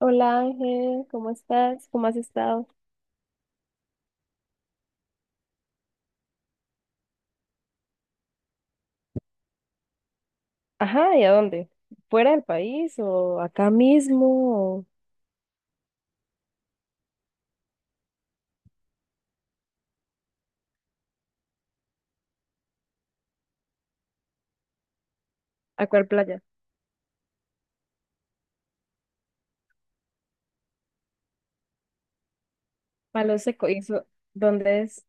Hola Ángel, ¿cómo estás? ¿Cómo has estado? Ajá, ¿y a dónde? ¿Fuera del país o acá mismo? O ¿A cuál playa? Palo Seco, ¿y eso dónde es?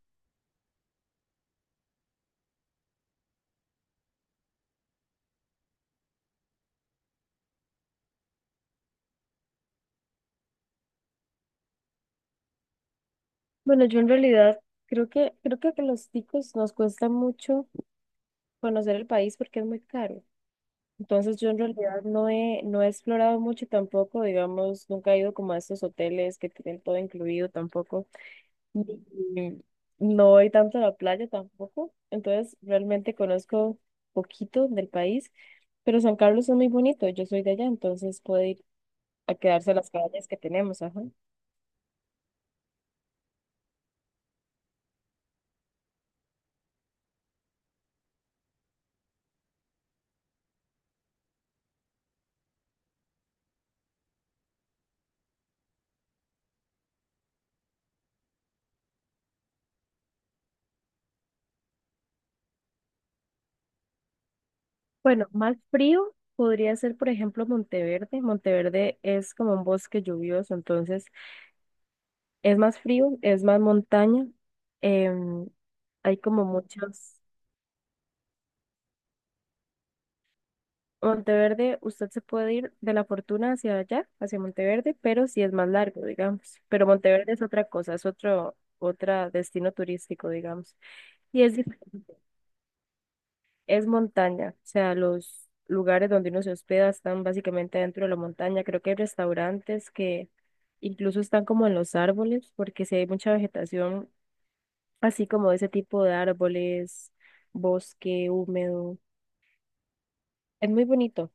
Bueno, yo en realidad creo que a los ticos nos cuesta mucho conocer el país porque es muy caro. Entonces yo en realidad no he explorado mucho tampoco, digamos, nunca he ido como a estos hoteles que tienen todo incluido tampoco. Y no voy tanto a la playa tampoco, entonces realmente conozco poquito del país, pero San Carlos es muy bonito, yo soy de allá, entonces puedo ir a quedarse a las playas que tenemos, ajá. Bueno, más frío podría ser, por ejemplo, Monteverde. Monteverde es como un bosque lluvioso, entonces es más frío, es más montaña, em, hay como muchos, Monteverde, usted se puede ir de La Fortuna hacia allá, hacia Monteverde, pero sí es más largo, digamos. Pero Monteverde es otra cosa, es otra destino turístico, digamos. Y es, es montaña, o sea, los lugares donde uno se hospeda están básicamente dentro de la montaña. Creo que hay restaurantes que incluso están como en los árboles, porque sí hay mucha vegetación, así como ese tipo de árboles, bosque húmedo. Es muy bonito.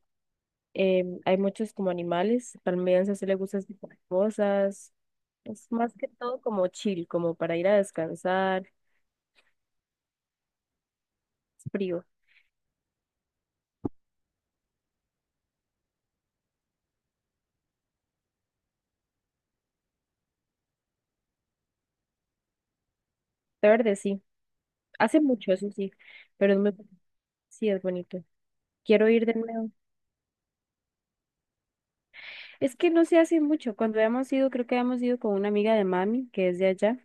Hay muchos como animales, también se le gusta ese tipo de cosas. Es más que todo como chill, como para ir a descansar. Es frío. De verde sí. Hace mucho, eso sí, pero es muy, sí es bonito. Quiero ir de nuevo. Es que no se hace mucho. Cuando habíamos ido, creo que habíamos ido con una amiga de mami, que es de allá.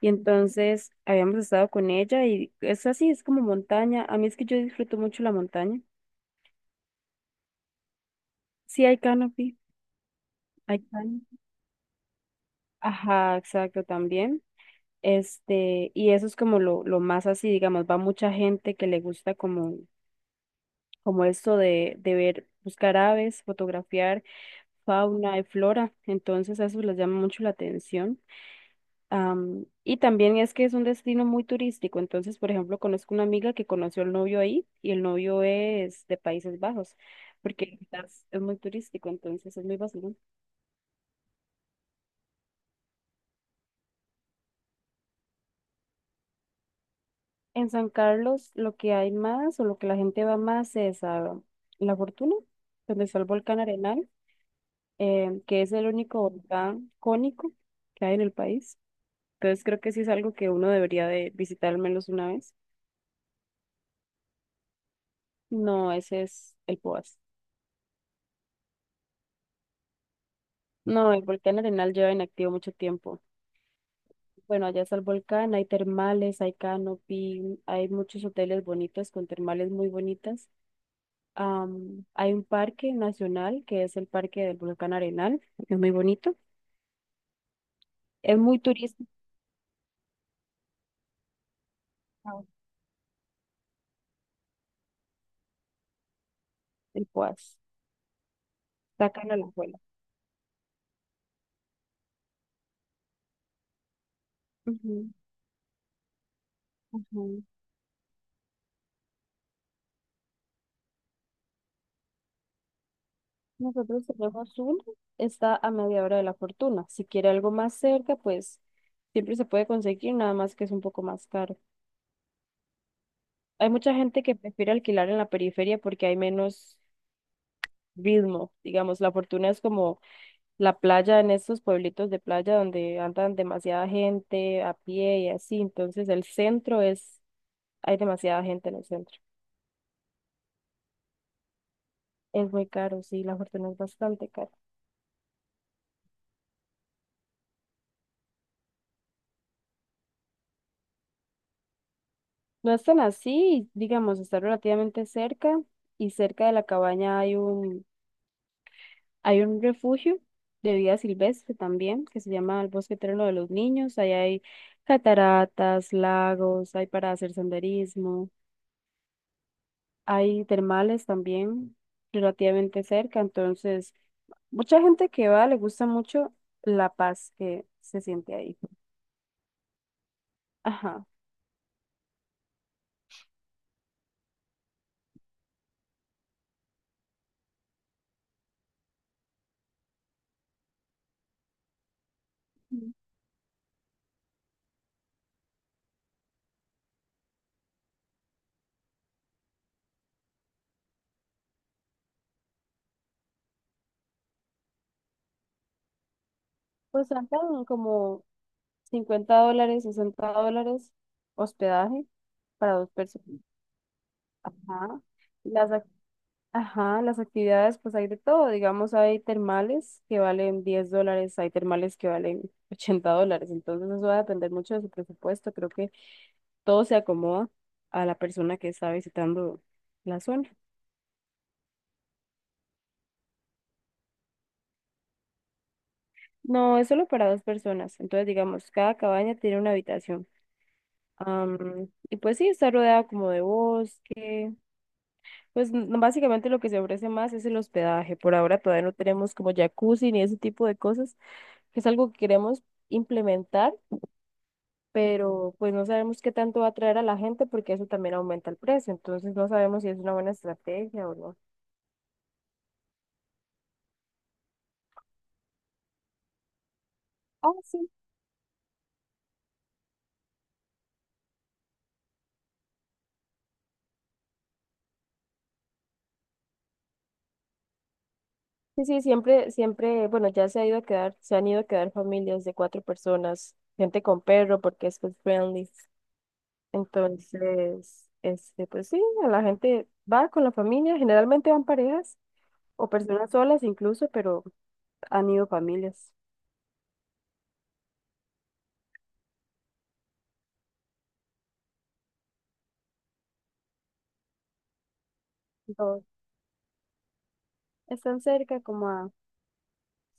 Y entonces habíamos estado con ella y es así, es como montaña. A mí es que yo disfruto mucho la montaña. Sí hay canopy, hay canopy. Ajá, exacto, también. Este, y eso es como lo más así, digamos, va mucha gente que le gusta como, como esto de ver, buscar aves, fotografiar fauna y flora, entonces eso les llama mucho la atención. Am, y también es que es un destino muy turístico, entonces, por ejemplo, conozco una amiga que conoció al novio ahí y el novio es de Países Bajos, porque quizás es muy turístico, entonces es muy vacilón. En San Carlos lo que hay más o lo que la gente va más es a La Fortuna, donde está el volcán Arenal, que es el único volcán cónico que hay en el país. Entonces creo que sí es algo que uno debería de visitar al menos una vez. No, ese es el Poás. No, el volcán Arenal lleva inactivo mucho tiempo. Bueno, allá está el volcán, hay termales, hay canopy, hay muchos hoteles bonitos con termales muy bonitas. Am, hay un parque nacional que es el Parque del Volcán Arenal, es muy bonito, es muy turístico, el Poás, está acá en Alajuela. Ujú, ujú. Nosotros tenemos uno, está a media hora de la fortuna. Si quiere algo más cerca, pues siempre se puede conseguir, nada más que es un poco más caro. Hay mucha gente que prefiere alquilar en la periferia porque hay menos ritmo, digamos, la fortuna es como la playa en estos pueblitos de playa donde andan demasiada gente a pie y así. Entonces el centro es, hay demasiada gente en el centro. Es muy caro, sí, la fortuna es bastante cara. No es tan así, digamos, está relativamente cerca y cerca de la cabaña hay un refugio de vida silvestre también que se llama el Bosque Eterno de los Niños. Ahí hay cataratas, lagos, hay para hacer senderismo, hay termales también relativamente cerca, entonces mucha gente que va le gusta mucho la paz que se siente ahí. Ajá. Mm. Pues sacan como $50, $60 hospedaje para 2 personas. Ajá. Las, ajá, las actividades, pues hay de todo. Digamos, hay termales que valen $10, hay termales que valen $80. Entonces eso va a depender mucho de su presupuesto. Creo que todo se acomoda a la persona que está visitando la zona. No, es solo para 2 personas. Entonces, digamos, cada cabaña tiene una habitación. Am, y pues sí, está rodeada como de bosque. Pues básicamente lo que se ofrece más es el hospedaje. Por ahora todavía no tenemos como jacuzzi ni ese tipo de cosas, que es algo que queremos implementar, pero pues no sabemos qué tanto va a atraer a la gente porque eso también aumenta el precio. Entonces no sabemos si es una buena estrategia o no. Ah, sí. Sí, sí, siempre, siempre, bueno, ya se ha ido a quedar, se han ido a quedar familias de 4 personas, gente con perro porque es pet friendly. Entonces, este, pues sí, a la gente va con la familia, generalmente van parejas o personas solas incluso, pero han ido familias. No, están cerca como a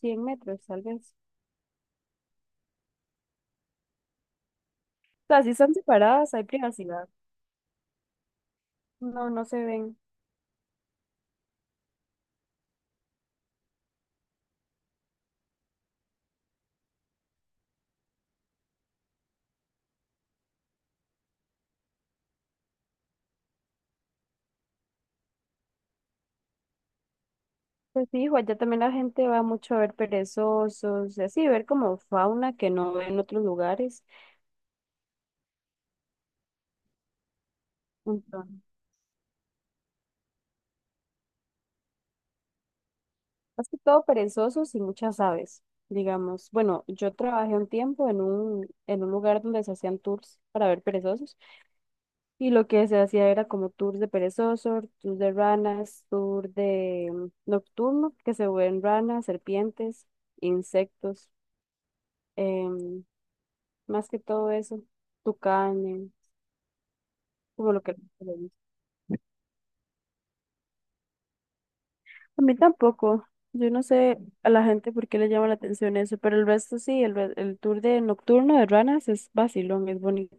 100 metros, tal vez. O sea, si están separadas, hay privacidad. No, no se ven. Pues sí, hijo, allá también la gente va mucho a ver perezosos, y así, ver como fauna que no ve en otros lugares. Montón. Más que todo perezosos y muchas aves, digamos. Bueno, yo trabajé un tiempo en un lugar donde se hacían tours para ver perezosos y lo que se hacía era como tours de perezosos, tours de ranas, tour de nocturno, que se ven ranas, serpientes, insectos, em, más que todo eso, tucanes, como lo que... A mí tampoco. Yo no sé a la gente por qué le llama la atención eso, pero el resto sí, el, el tour de nocturno de ranas es vacilón, es bonito.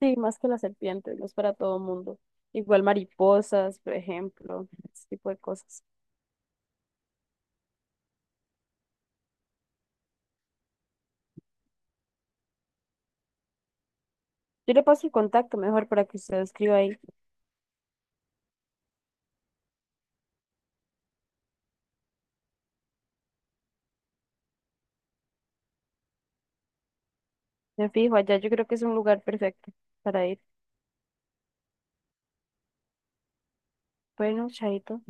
Sí, más que las serpientes, no es para todo mundo. Igual mariposas, por ejemplo, ese tipo de cosas. Yo le paso el contacto mejor para que usted escriba ahí. Me fijo, allá yo creo que es un lugar perfecto para ir. Bueno, chaito.